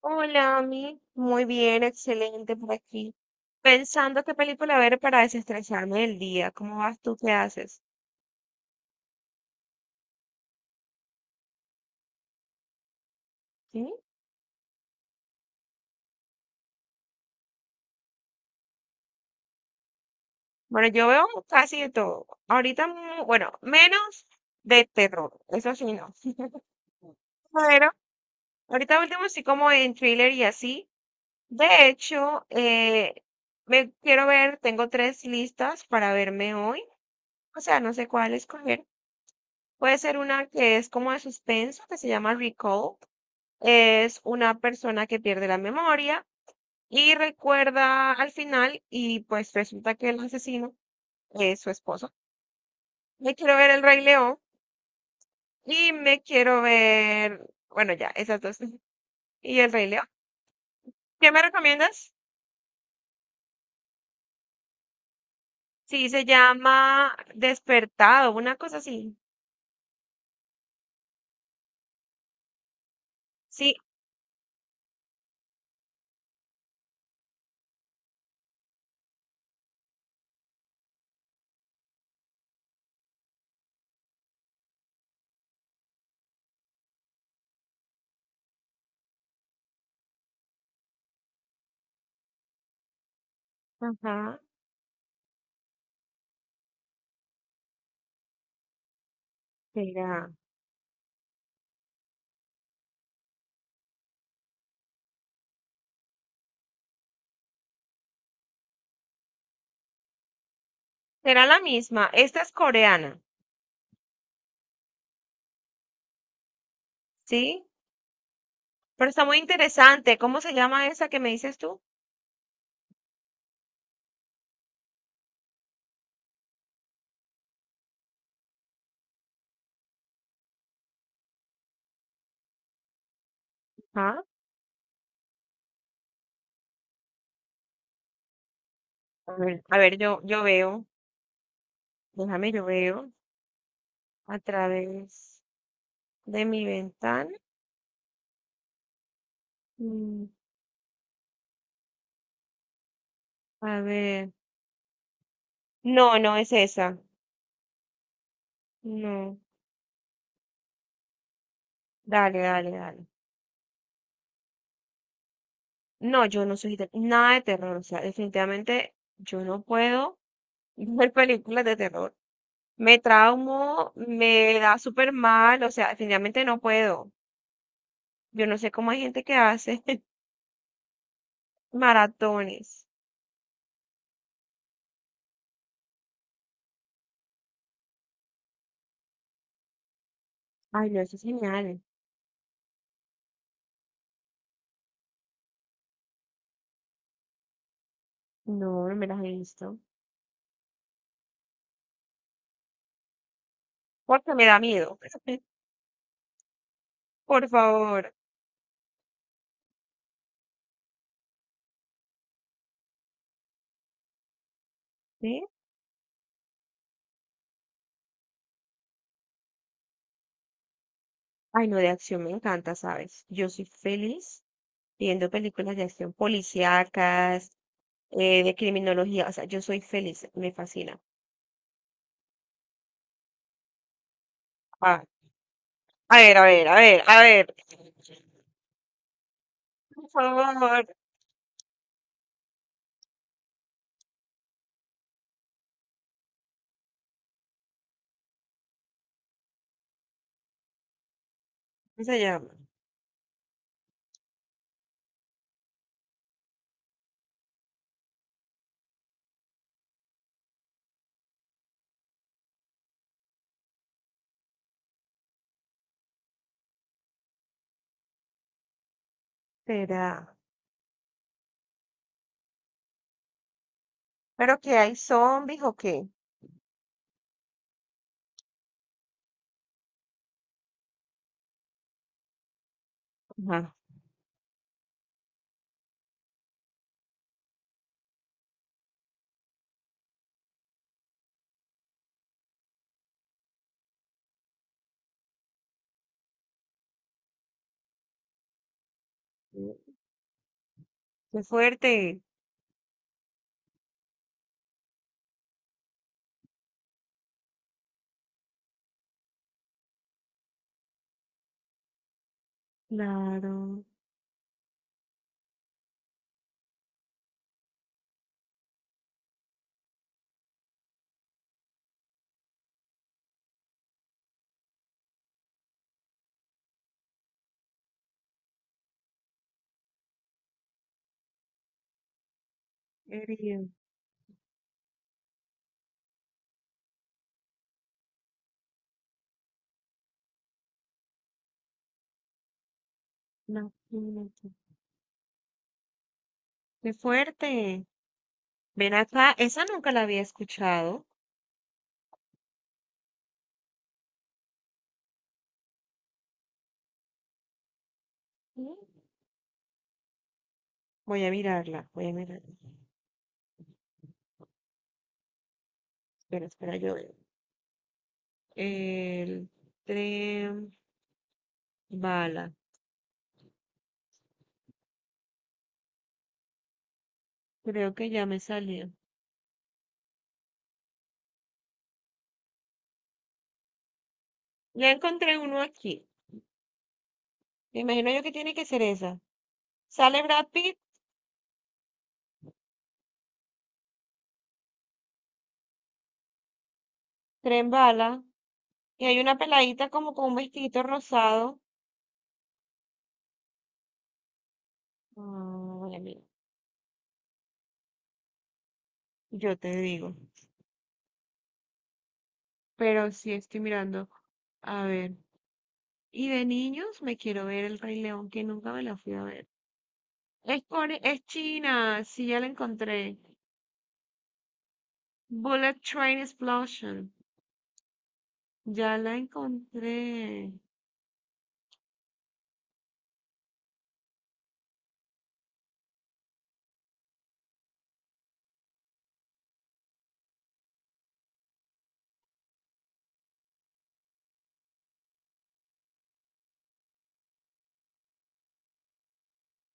Hola, Ami. Muy bien, excelente por aquí. Pensando qué película ver para desestresarme del día. ¿Cómo vas tú? ¿Qué haces? ¿Sí? Bueno, yo veo casi de todo. Ahorita, menos de terror. Eso sí, no. Pero ahorita último sí como en thriller y así. De hecho, me quiero ver, tengo tres listas para verme hoy. O sea, no sé cuál escoger. Puede ser una que es como de suspenso, que se llama Recall. Es una persona que pierde la memoria y recuerda al final y pues resulta que el asesino es su esposo. Me quiero ver El Rey León y me quiero ver, bueno, ya, esas dos. Y El Rey León. ¿Qué me recomiendas? Sí, se llama Despertado, una cosa así. Sí, ajá, será. Será la misma. Esta es coreana, ¿sí? Pero está muy interesante. ¿Cómo se llama esa que me dices tú? Ajá. A ver, yo veo. Déjame, yo veo a través de mi ventana. Mm. A ver. No, no es esa. No. Dale, dale, dale. No, yo no soy de- nada de terror. O sea, definitivamente yo no puedo ver películas de terror. Me traumo, me da súper mal. O sea, definitivamente no puedo. Yo no sé cómo hay gente que hace maratones. Ay, no, eso es genial. No, no me las he visto. Porque me da miedo. Por favor. ¿Sí? Ay, no, de acción me encanta, ¿sabes? Yo soy feliz viendo películas de acción policíacas, de criminología, o sea, yo soy feliz, me fascina. Ah, a ver, a ver, a ver, a ver. Por favor, ¿cómo se llama? Será. ¿Pero que hay zombies o qué? Ajá. Qué fuerte. Claro, herido. No, imagínate. Qué fuerte. Ven acá, esa nunca la había escuchado. Mm. Voy a mirarla, voy a mirarla. Espera, espera, yo el tren bala. Creo que ya me salió. Ya encontré uno aquí. Me imagino yo que tiene que ser esa. Sale Brad Pitt, tren bala. Y hay una peladita como con un vestidito rosado. Ay, amigo, yo te digo. Pero sí estoy mirando. A ver. Y de niños me quiero ver El Rey León, que nunca me la fui a ver. Es, core- es China. Sí, ya la encontré. Bullet Train Explosion. Ya la encontré.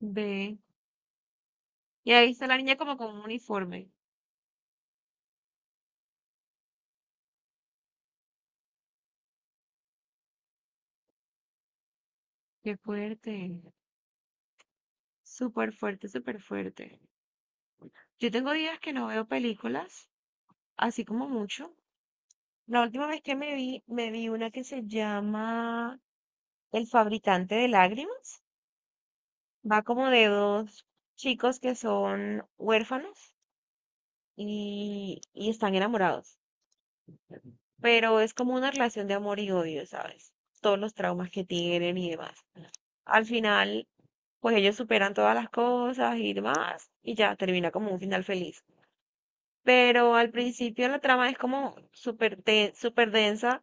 Ve. Y ahí está la niña como con un uniforme. Qué fuerte. Súper fuerte, súper fuerte. Yo tengo días que no veo películas, así como mucho. La última vez que me vi una que se llama El fabricante de lágrimas. Va como de dos chicos que son huérfanos y están enamorados. Pero es como una relación de amor y odio, ¿sabes? Todos los traumas que tienen y demás. Al final, pues ellos superan todas las cosas y demás, y ya termina como un final feliz. Pero al principio la trama es como súper de- súper densa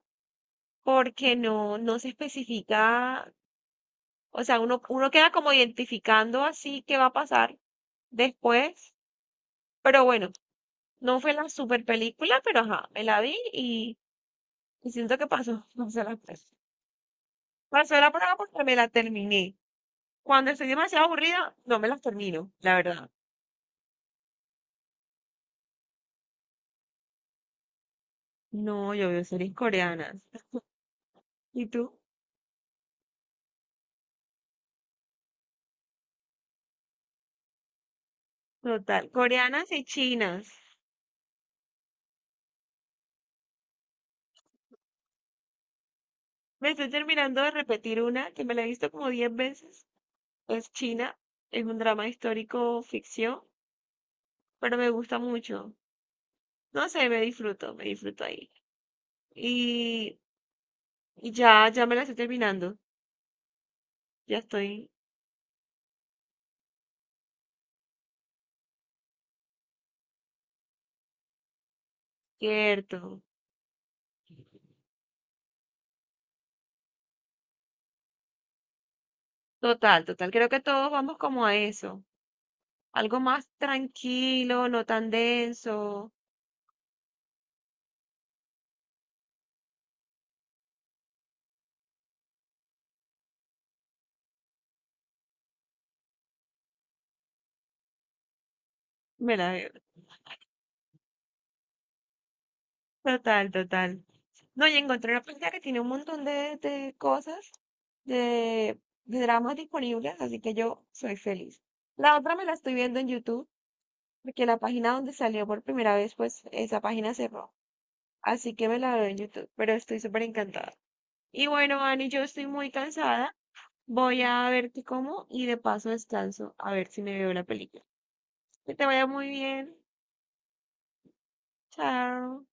porque no, no se especifica, o sea, uno queda como identificando así qué va a pasar después, pero bueno, no fue la super película, pero ajá, me la vi y siento que pasó, pasó la prueba. Pasó la prueba porque me la terminé. Cuando estoy demasiado aburrida, no me las termino, la verdad. No, yo veo series coreanas. Y tú, total, coreanas y chinas. Me estoy terminando de repetir una que me la he visto como 10 veces. Es China, es un drama histórico ficción, pero me gusta mucho. No sé, me disfruto ahí. Y, y ya, ya me la estoy terminando. Ya estoy cierto. Total, total. Creo que todos vamos como a eso. Algo más tranquilo, no tan denso. Me la veo. Total, total. No, y encontré una página que tiene un montón de cosas, de, de dramas disponibles, así que yo soy feliz. La otra me la estoy viendo en YouTube, porque la página donde salió por primera vez, pues esa página cerró. Así que me la veo en YouTube, pero estoy súper encantada. Y bueno, Ani, yo estoy muy cansada. Voy a ver qué como y de paso descanso a ver si me veo la película. Que te vaya muy bien. Chao.